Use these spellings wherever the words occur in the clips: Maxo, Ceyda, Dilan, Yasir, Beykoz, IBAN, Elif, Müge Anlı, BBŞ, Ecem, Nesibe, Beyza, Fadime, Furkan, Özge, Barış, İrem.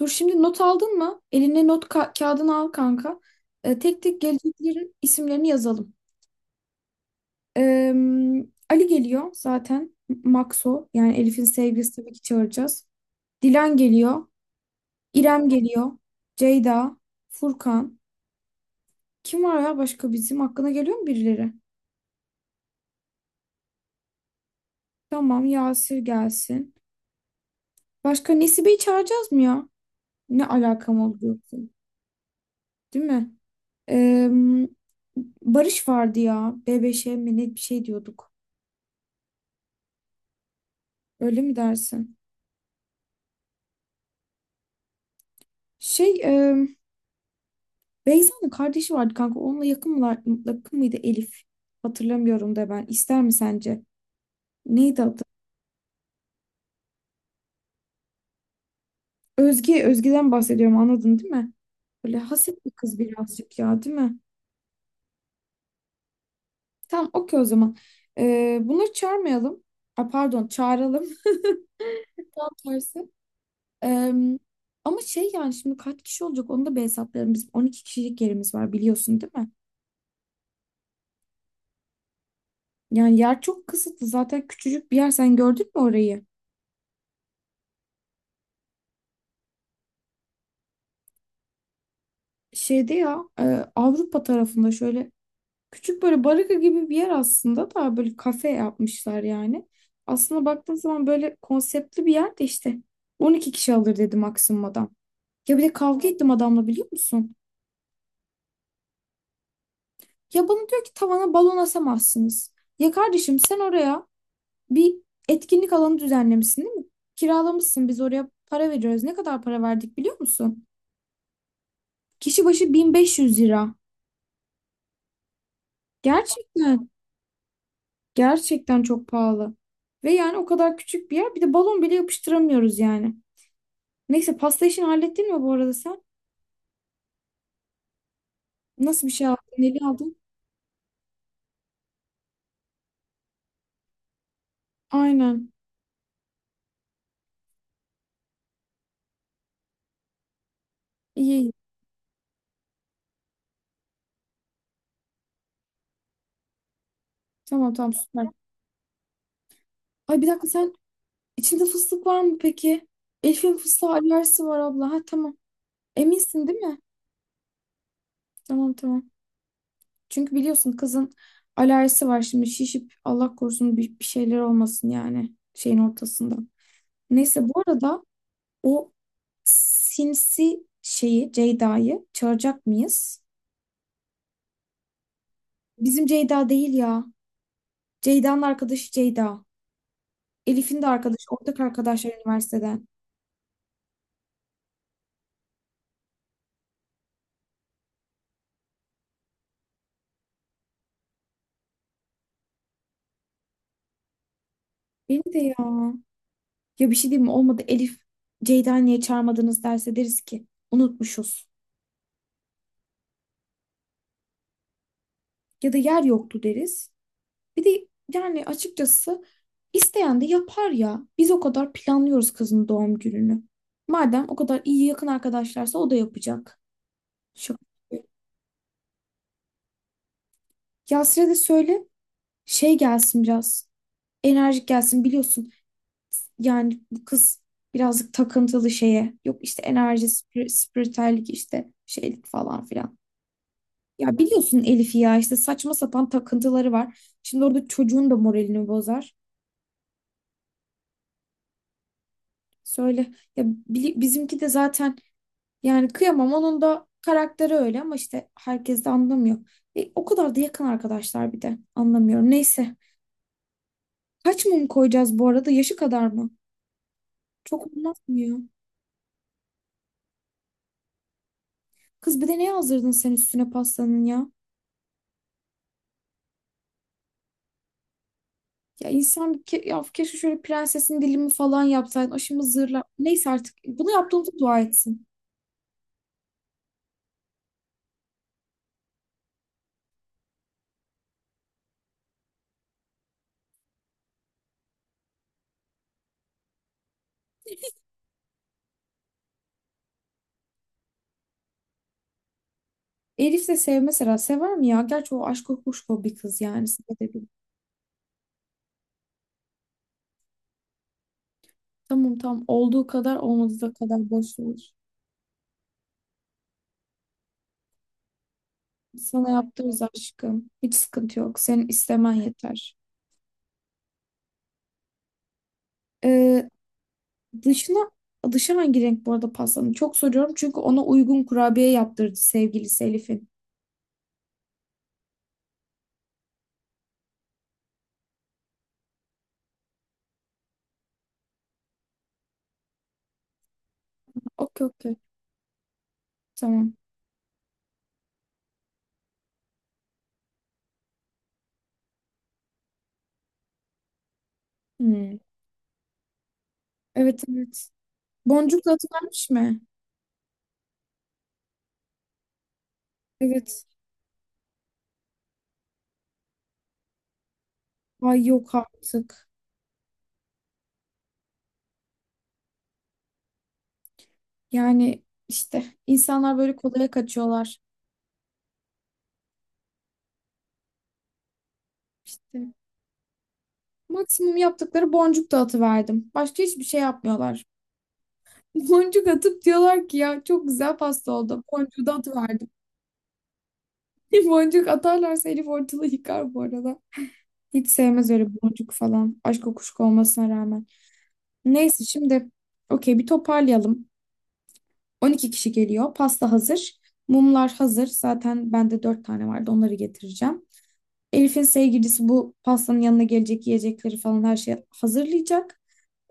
Dur şimdi not aldın mı? Eline not kağıdını al kanka. Tek tek geleceklerin isimlerini yazalım. Ee, Ali geliyor zaten. Maxo, yani Elif'in sevgilisi, tabii ki çağıracağız. Dilan geliyor. İrem geliyor. Ceyda. Furkan. Kim var ya başka bizim? Hakkına geliyor mu birileri? Tamam, Yasir gelsin. Başka Nesibe'yi çağıracağız mı ya? Ne alakam oldu yoksa? Değil mi? Ee, Barış vardı ya. BBŞ mi ne bir şey diyorduk. Öyle mi dersin? Şey, e, Beyza'nın kardeşi vardı kanka. Onunla yakın mıydı Elif? Hatırlamıyorum da ben. İster mi sence? Neydi adı? Özge'den bahsediyorum, anladın değil mi? Böyle haset bir kız birazcık ya, değil mi? Tamam, okey o zaman. Bunları çağırmayalım. A, pardon, çağıralım. Tam tersi. E, ama şey yani şimdi kaç kişi olacak onu da bir hesaplayalım. Bizim 12 kişilik yerimiz var, biliyorsun değil mi? Yani yer çok kısıtlı. Zaten küçücük bir yer. Sen gördün mü orayı? Şeyde ya Avrupa tarafında şöyle küçük böyle baraka gibi bir yer aslında, da böyle kafe yapmışlar yani. Aslında baktığın zaman böyle konseptli bir yer de işte 12 kişi alır dedi maksimum adam. Ya bir de kavga ettim adamla, biliyor musun? Ya bana diyor ki tavana balon asamazsınız. Ya kardeşim sen oraya bir etkinlik alanı düzenlemişsin değil mi? Kiralamışsın, biz oraya para veriyoruz. Ne kadar para verdik biliyor musun? Kişi başı 1.500 lira. Gerçekten. Gerçekten çok pahalı. Ve yani o kadar küçük bir yer. Bir de balon bile yapıştıramıyoruz yani. Neyse, pasta işini hallettin mi bu arada sen? Nasıl bir şey aldın? Neli aldın? Aynen. İyi iyi. Tamam tamam, süper. Ay bir dakika, sen içinde fıstık var mı peki? Elif'in fıstığa alerjisi var abla. Ha, tamam. Eminsin değil mi? Tamam tamam. Çünkü biliyorsun kızın alerjisi var şimdi. Şişip Allah korusun bir şeyler olmasın yani şeyin ortasında. Neyse bu arada o sinsi şeyi, Ceyda'yı çağıracak mıyız? Bizim Ceyda değil ya. Ceyda'nın arkadaşı Ceyda. Elif'in de arkadaşı, ortak arkadaşlar üniversiteden. Beni de ya. Ya bir şey diyeyim mi? Olmadı, Elif Ceyda'yı niye çağırmadınız derse deriz ki unutmuşuz. Ya da yer yoktu deriz. Bir de yani açıkçası isteyen de yapar ya. Biz o kadar planlıyoruz kızın doğum gününü. Madem o kadar iyi yakın arkadaşlarsa o da yapacak. Şaka gibi. Yasir'e de söyle. Şey gelsin biraz. Enerjik gelsin biliyorsun. Yani bu kız birazcık takıntılı şeye. Yok işte enerji, spiritüellik işte şeylik falan filan. Ya biliyorsun Elif'i, ya işte saçma sapan takıntıları var. Şimdi orada çocuğun da moralini bozar. Söyle ya, bizimki de zaten yani kıyamam, onun da karakteri öyle ama işte herkes de anlamıyor. O kadar da yakın arkadaşlar, bir de anlamıyorum. Neyse, kaç mum koyacağız bu arada, yaşı kadar mı? Çok olmaz mı ya? Kız, bir de ne yazdırdın sen üstüne pastanın ya? Ya insan ke ya keşke şöyle prensesin dilimi falan yapsaydın. O şimdi zırla. Neyse artık bunu yaptığımıza dua etsin. Elif de sev mesela. Sever mi ya? Gerçi o aşk kuşko bir kız yani. Sevebilir. Tamam tamam. Olduğu kadar olmadığı da kadar boş olur. Sana yaptığımız aşkım. Hiç sıkıntı yok. Senin istemen yeter. Ee, dışına dışı hangi renk bu arada pastanın? Çok soruyorum çünkü ona uygun kurabiye yaptırdı sevgilisi Elif'in. Okey okey. Tamam. Hmm. Evet evet. Boncuk da atıvermiş mi? Evet. Ay, yok artık. Yani işte insanlar böyle kolaya kaçıyorlar. İşte maksimum yaptıkları boncuk dağıtıverdim. Başka hiçbir şey yapmıyorlar. Boncuk atıp diyorlar ki ya çok güzel pasta oldu. Boncuğu da atıverdim. Boncuk atarlarsa Elif ortalığı yıkar bu arada. Hiç sevmez öyle boncuk falan. Aşk kokuşku olmasına rağmen. Neyse şimdi okey bir toparlayalım. 12 kişi geliyor. Pasta hazır. Mumlar hazır. Zaten bende 4 tane vardı. Onları getireceğim. Elif'in sevgilisi bu pastanın yanına gelecek, yiyecekleri falan her şeyi hazırlayacak.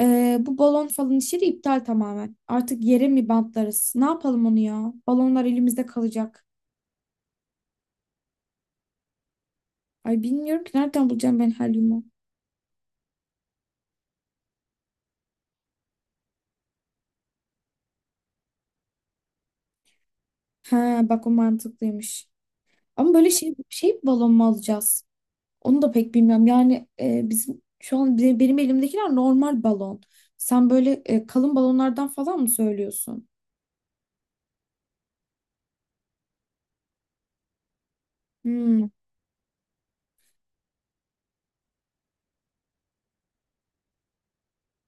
Bu balon falan işi de iptal tamamen. Artık yere mi bantlarız? Ne yapalım onu ya? Balonlar elimizde kalacak. Ay bilmiyorum ki, nereden bulacağım ben helyumu. Ha bak, o mantıklıymış. Ama böyle şey balon mu alacağız? Onu da pek bilmiyorum. Yani bizim şu an benim elimdekiler normal balon. Sen böyle kalın balonlardan falan mı söylüyorsun? Hmm,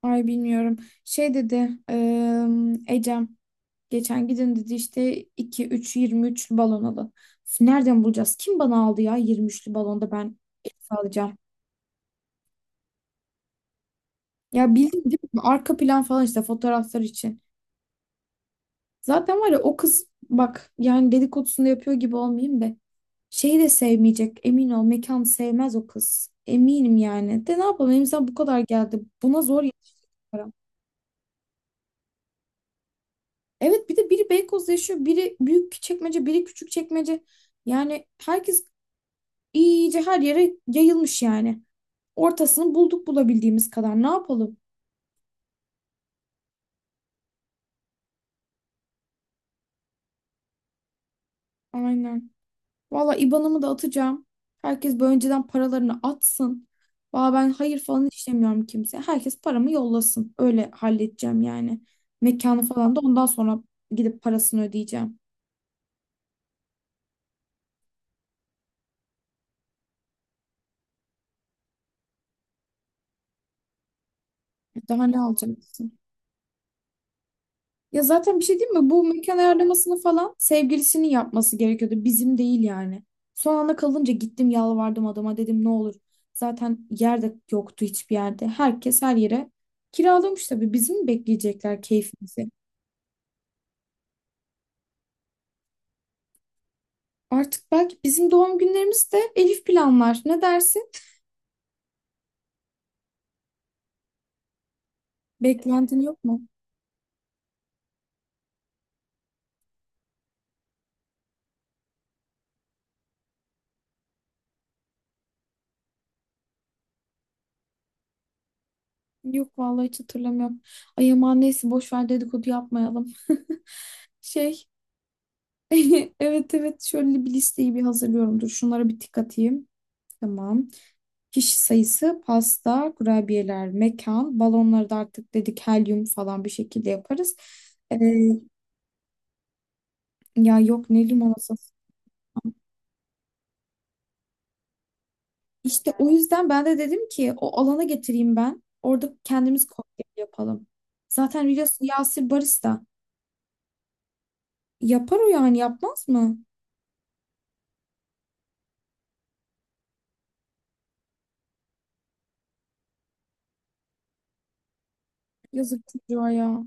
ay bilmiyorum. Şey dedi Ecem geçen gidin dedi işte iki üç 20 23'lü balon alın. Üf, nereden bulacağız? Kim bana aldı ya 23'lü balonda ben alacağım. Ya bildin değil mi? Arka plan falan işte fotoğraflar için. Zaten var ya o kız, bak yani dedikodusunu yapıyor gibi olmayayım da şeyi de sevmeyecek, emin ol, mekan sevmez o kız. Eminim yani. De ne yapalım, elimizden bu kadar geldi. Buna zor yetiştik para. Evet, bir de biri Beykoz'da yaşıyor, biri Büyük Çekmece, biri Küçük Çekmece. Yani herkes iyice her yere yayılmış yani. Ortasını bulduk, bulabildiğimiz kadar, ne yapalım? Aynen. Valla IBAN'ımı da atacağım. Herkes böyle önceden paralarını atsın. Valla ben hayır falan işlemiyorum kimseye. Herkes paramı yollasın. Öyle halledeceğim yani. Mekanı falan da ondan sonra gidip parasını ödeyeceğim. Daha ne alacaksın? Ya zaten bir şey değil mi? Bu mekan ayarlamasını falan sevgilisinin yapması gerekiyordu. Bizim değil yani. Son anda kalınca gittim, yalvardım adama, dedim ne olur. Zaten yer de yoktu hiçbir yerde. Herkes her yere kiralamış tabii. Bizim mi bekleyecekler keyfimizi? Artık belki bizim doğum günlerimiz de Elif planlar. Ne dersin? Beklentin yok mu? Yok vallahi, hiç hatırlamıyorum. Ay aman neyse, boş ver, dedikodu yapmayalım. Şey, evet evet, şöyle bir listeyi bir hazırlıyorum. Dur şunlara bir tık atayım. Tamam. Kişi sayısı, pasta, kurabiyeler, mekan, balonları da artık dedik helyum falan bir şekilde yaparız. Ee, ya yok ne limonata. İşte o yüzden ben de dedim ki o alana getireyim ben. Orada kendimiz kokteyl yapalım. Zaten biliyorsun Yasir barista. Yapar o, yani yapmaz mı? Yazık çocuğa ya.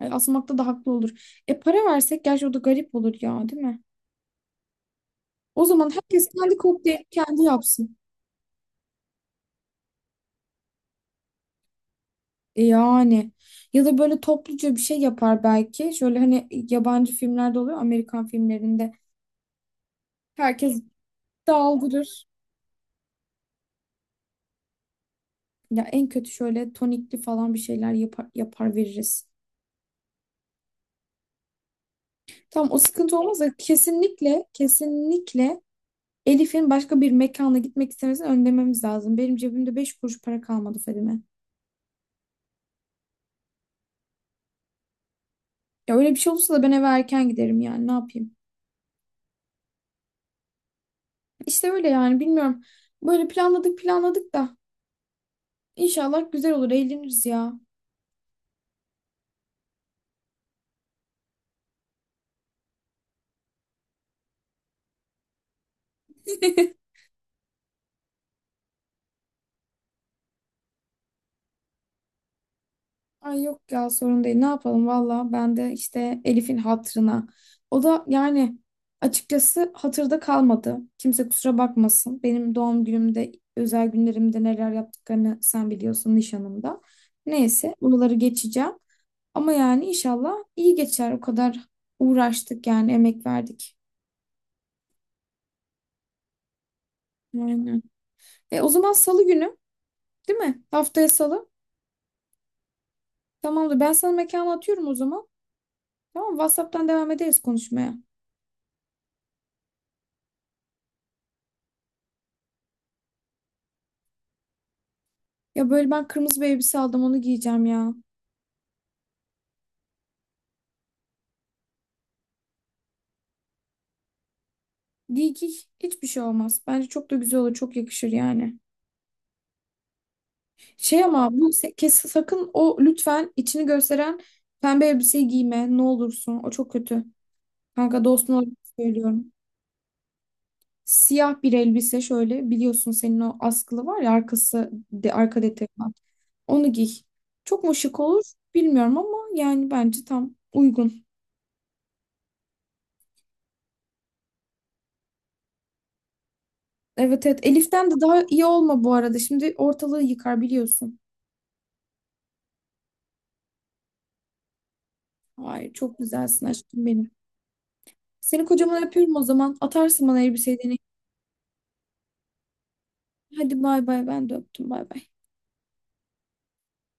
Ay, asmakta da haklı olur. E para versek gerçi o da garip olur ya, değil mi? O zaman herkes kendi kokteyli kendi yapsın. E yani. Ya da böyle topluca bir şey yapar belki. Şöyle hani yabancı filmlerde oluyor. Amerikan filmlerinde. Herkes daldırır. Ya en kötü şöyle tonikli falan bir şeyler yapar, yapar veririz. Tam o sıkıntı olmaz da kesinlikle kesinlikle Elif'in başka bir mekana gitmek istemesini önlememiz lazım. Benim cebimde 5 kuruş para kalmadı Fadime. Ya öyle bir şey olursa da ben eve erken giderim yani, ne yapayım. İşte öyle yani, bilmiyorum. Böyle planladık planladık da inşallah güzel olur, eğleniriz ya. Ay yok ya, sorun değil. Ne yapalım valla, ben de işte Elif'in hatırına. O da yani açıkçası hatırda kalmadı. Kimse kusura bakmasın. Benim doğum günümde, özel günlerimde neler yaptıklarını sen biliyorsun, nişanımda. Neyse bunları geçeceğim. Ama yani inşallah iyi geçer. O kadar uğraştık yani, emek verdik. Aynen. O zaman salı günü değil mi? Haftaya salı. Tamamdır. Ben sana mekanı atıyorum o zaman. Tamam, WhatsApp'tan devam ederiz konuşmaya. Ya böyle ben kırmızı bir elbise aldım, onu giyeceğim ya. Giy giy, hiçbir şey olmaz. Bence çok da güzel olur, çok yakışır yani. Ama bu kes sakın o, lütfen, içini gösteren pembe elbiseyi giyme, ne olursun o çok kötü. Kanka dostun olarak söylüyorum. Siyah bir elbise şöyle, biliyorsun senin o askılı var ya, arka detayı var. Onu giy. Çok mu şık olur bilmiyorum ama yani bence tam uygun. Evet evet, Elif'ten de daha iyi olma bu arada. Şimdi ortalığı yıkar biliyorsun. Ay çok güzelsin aşkım benim. Seni kocaman öpüyorum o zaman. Atarsın bana elbiseyi deneyim. Hadi bay bay, ben de öptüm bay bay.